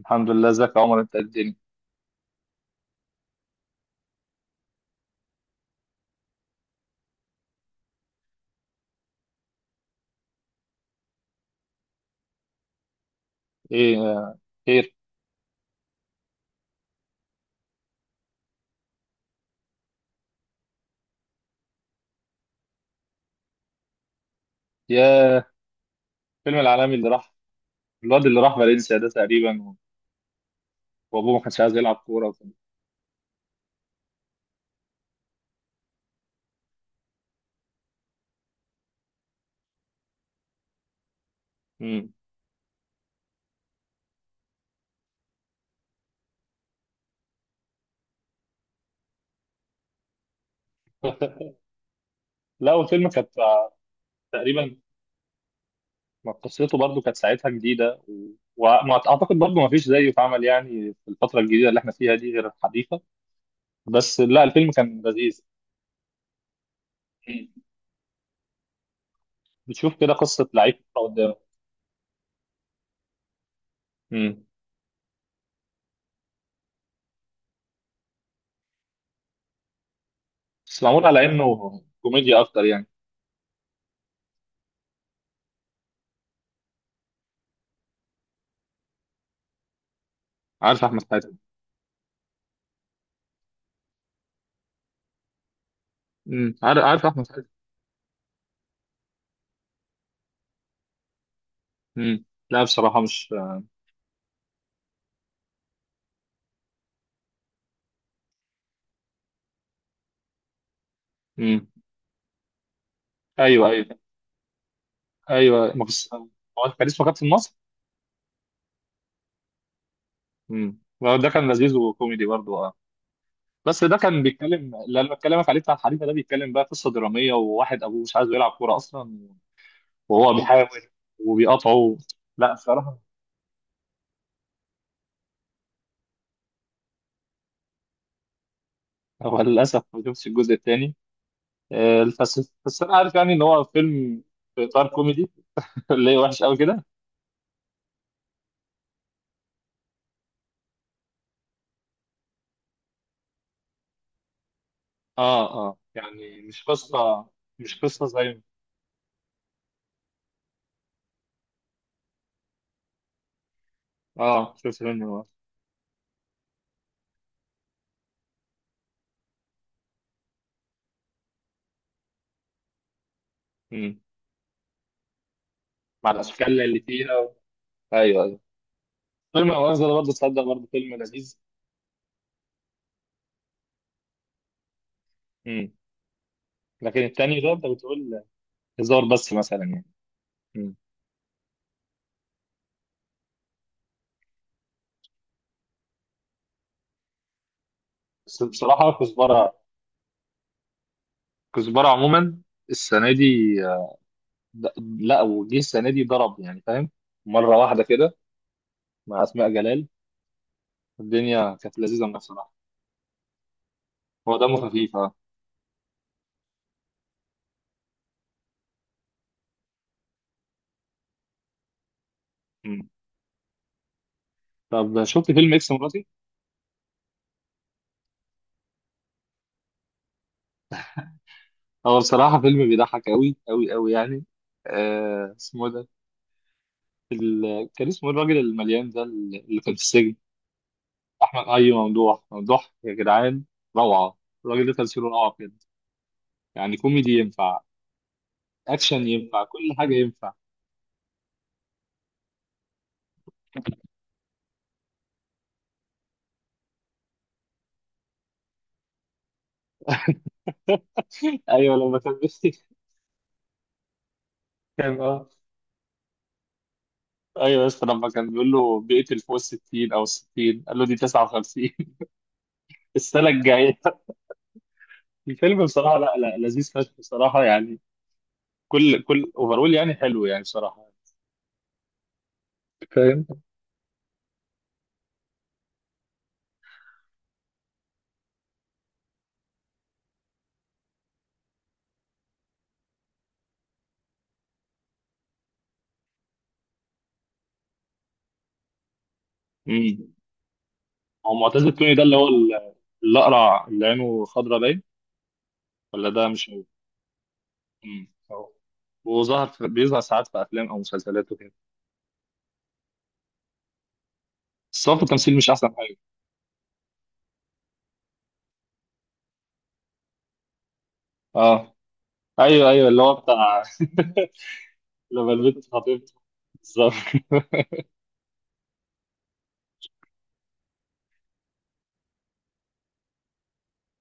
الحمد لله. ازيك يا عمر؟ انت قدني. ايه؟ خير. يا فيلم العالمي اللي راح. الواد اللي راح فالنسيا ده تقريبا. وابوه ما كانش عايز يلعب كوره مم. لا والفيلم كانت تقريبا. ما قصته برضو كانت ساعتها جديده وما اعتقد برضو ما فيش زيه اتعمل يعني في الفتره الجديده اللي احنا فيها دي غير الحديثه. بس لا الفيلم كان لذيذ. مم. بتشوف كده قصه لعيب كورة قدامك. مم. بس معمول على انه كوميديا اكتر يعني. عارف احمد حاتم. مم. عارف، عارف احمد حاتم. مم. لا بصراحه مش. امم. ايوه، ايوه ايوه، ما فيش. هو كان اسمه كابتن مصر؟ امم. ده كان لذيذ وكوميدي برضه، اه. بس ده كان بيتكلم، اللي انا بكلمك عليه بتاع الحريفه ده، بيتكلم بقى قصه دراميه وواحد ابوه مش عايزه يلعب كوره اصلا. وهو بيحاول وبيقاطعه. لا بصراحه. هو للاسف ما شفتش الجزء الثاني. بس انا عارف يعني ان هو فيلم في اطار كوميدي. اللي هي وحش قوي كده. اه اه، يعني مش قصه. مش قصه زي. اه شفت منه. امم. مع الاشكال اللي فيها. ايوه، أيوة. فيلم الغاز ده برضه، تصدق، برضه فيلم لذيذ. امم. لكن التاني ده انت بتقول هزار بس مثلا يعني. امم. بس بصراحه كزبره. كزبره عموما السنه دي د- لا، وجه السنه دي ضرب يعني، فاهم؟ مره واحده كده مع اسماء جلال، الدنيا كانت لذيذه معاه بصراحه. هو دمه خفيف، اه. امم. طب شفت فيلم اكس مراتي؟ هو بصراحه فيلم بيضحك قوي قوي قوي يعني. آه اسمه إيه ده؟ كان اسمه إيه الراجل المليان ده اللي كان في السجن؟ احمد، اي ممدوح، ممدوح يا جدعان. روعه. الراجل ده تمثيله روعه بجد. يعني كوميدي ينفع، اكشن ينفع، كل حاجه ينفع. ايوه لما كان بي- كان اه، ايوه بس لما كان بيقول له بيقتل فوق ال 60 او 60 قال له دي 59. السنه الجايه. الفيلم بصراحه لا، لا لذيذ فشخ بصراحه يعني. كل، كل اوفرول يعني حلو يعني بصراحه. فاهم. امم. هو معتز التوني ده اللي هو الاقرع اللي عينه خضرا باين؟ ولا ده مش. مم. اهو. بيظهر ساعات في افلام او مسلسلات وكده. بس هو في التمثيل مش احسن حاجه. اه، ايوه ايوه اللي هو بتاع. لما البنت خطيبته، بالظبط.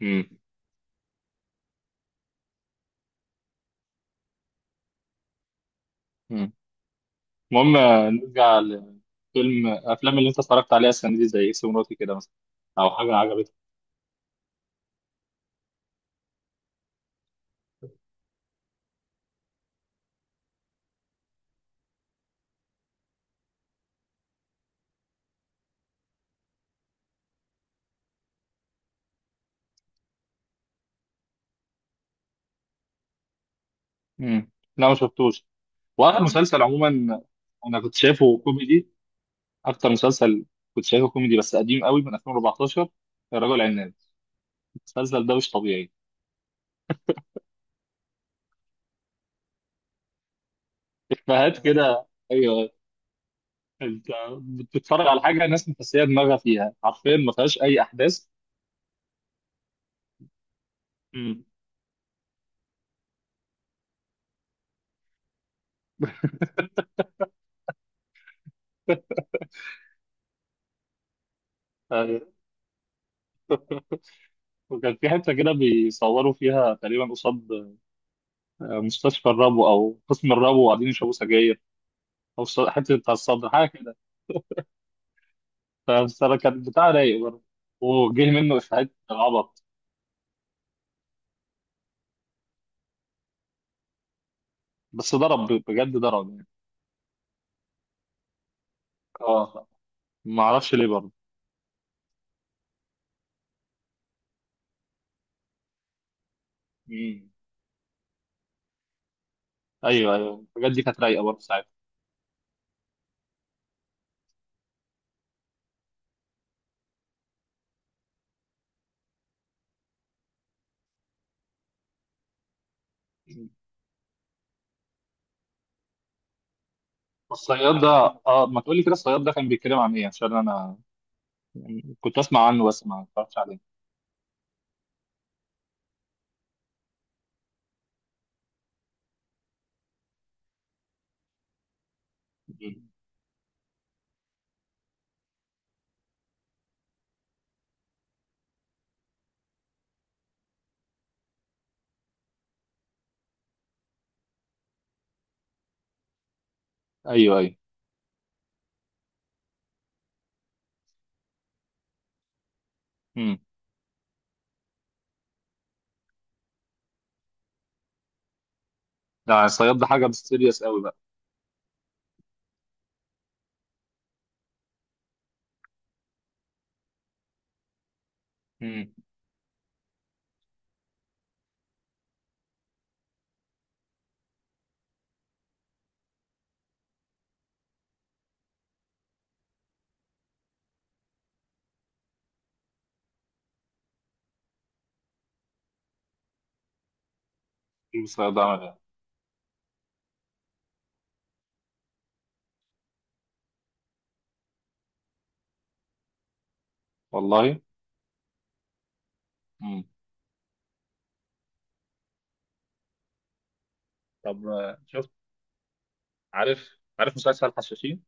مم. مم. المهم، نرجع لفيلم افلام اللي انت اتفرجت عليها السنه دي زي اكس مراتي كده مثلا، او حاجه عجبتك. مم. لا ما شفتوش. واخر مسلسل عموما انا كنت شايفه كوميدي. اكتر مسلسل كنت شايفه كوميدي بس قديم قوي من 2014، الرجل العناب. المسلسل ده مش طبيعي. افيهات كده. ايوه. انت بتتفرج على حاجه ناس مفسيه دماغها فيها، حرفيا ما فيهاش اي احداث. امم. آه، وكان في حته كده بيصوروا فيها تقريبا قصاد مستشفى الربو او قسم الربو وقاعدين يشربوا سجاير، او حته بتاع الصدر حاجه كده. فكان بتاع رايق برضه، وجه منه افيهات عبط. بس ضرب بجد، ضرب يعني. اه ما اعرفش ليه برضه. مم. ايوه ايوه الحاجات دي كانت رايقه برضه ساعتها. مم. والصياد ده، اه ما تقولي كده، الصياد ده كان بيتكلم عن ايه؟ عشان انا كنت اسمع عنه بس ما اتفرجتش عليه. مم. ايوه ايوه. امم. ده الصياد ده حاجه سيريس قوي بقى. امم. شوف الصياد ده عمل ايه. والله. امم. طب شفت، عارف، عارف مسلسل حشاشين؟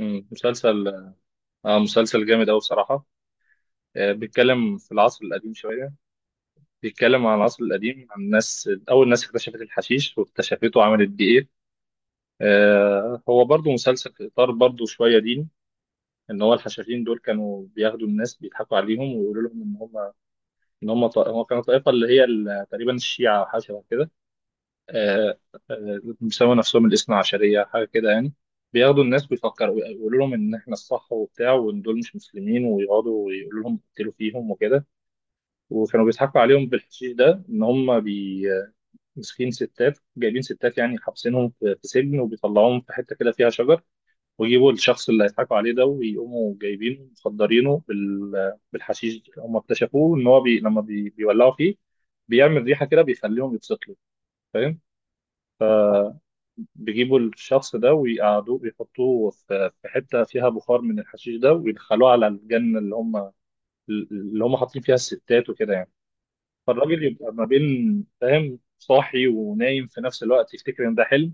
امم. مسلسل. اه مسلسل جامد قوي بصراحه. بيتكلم في العصر القديم شويه. بيتكلم عن العصر القديم، عن الناس، اول ناس اكتشفت الحشيش واكتشفته وعملت بيه ايه. هو برضو مسلسل في اطار برضو شويه ديني. ان هو الحشاشين دول كانوا بياخدوا الناس بيضحكوا عليهم ويقولوا لهم ان هم، ان هم هم كانوا طائفه اللي هي تقريبا الشيعه او حاجه شبه كده. آه، بيسموا نفسهم الاثنا عشريه حاجه كده يعني. بياخدوا الناس، بيفكروا يقولوا لهم ان احنا الصح وبتاع وان دول مش مسلمين، ويقعدوا ويقولوا لهم اقتلوا فيهم وكده. وكانوا بيضحكوا عليهم بالحشيش ده، ان هم ماسكين ستات، جايبين ستات يعني، حابسينهم في سجن، وبيطلعوهم في حته كده فيها شجر، ويجيبوا الشخص اللي هيضحكوا عليه ده، ويقوموا جايبينه مخدرينه بالحشيش، هم اكتشفوه ان هو لما بيولعوا فيه بيعمل ريحه كده بيخليهم يتسطلوا، فاهم؟ بيجيبوا الشخص ده ويقعدوه، بيحطوه في حته فيها بخار من الحشيش ده، ويدخلوه على الجنه اللي هم، اللي هم حاطين فيها الستات وكده يعني. فالراجل يبقى ما بين، فاهم، صاحي ونايم في نفس الوقت، يفتكر ان ده حلم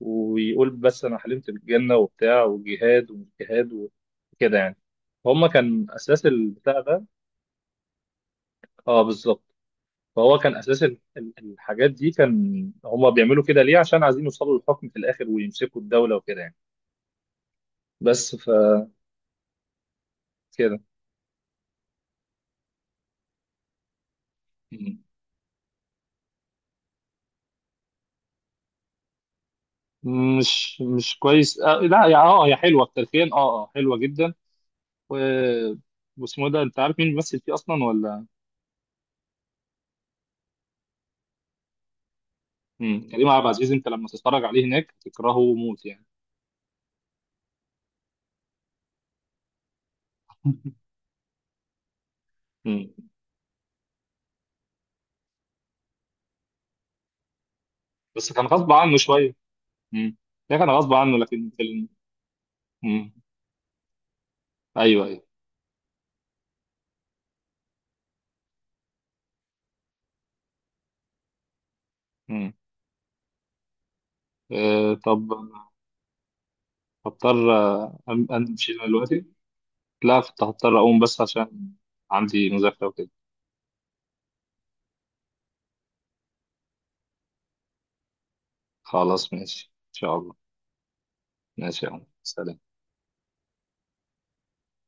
ويقول، بس انا حلمت بالجنه وبتاع، والجهاد، والجهاد وكده يعني. فهم كان اساس البتاع ده. اه بالظبط. فهو كان اساس الحاجات دي، كان هم بيعملوا كده ليه؟ عشان عايزين يوصلوا للحكم في الاخر ويمسكوا الدوله وكده يعني. بس فكده. م. مش كويس، لا يا يا حلوه التلفين، اه، اه حلوه جدا. و واسمه ده انت عارف مين بيمثل فيه اصلا ولا؟ م. كريم عبد العزيز انت لما تتفرج عليه هناك تكرهه موت يعني. م. بس كان غصب عنه شويه. امم. ده كان غصب عنه لكن في امم. ايوه ايوه. امم. آه طب، هضطر امشي دلوقتي. لا كنت هضطر اقوم بس عشان عندي مذاكره وكده. خلاص ماشي ان شاء الله. ماشي يا عم، سلام.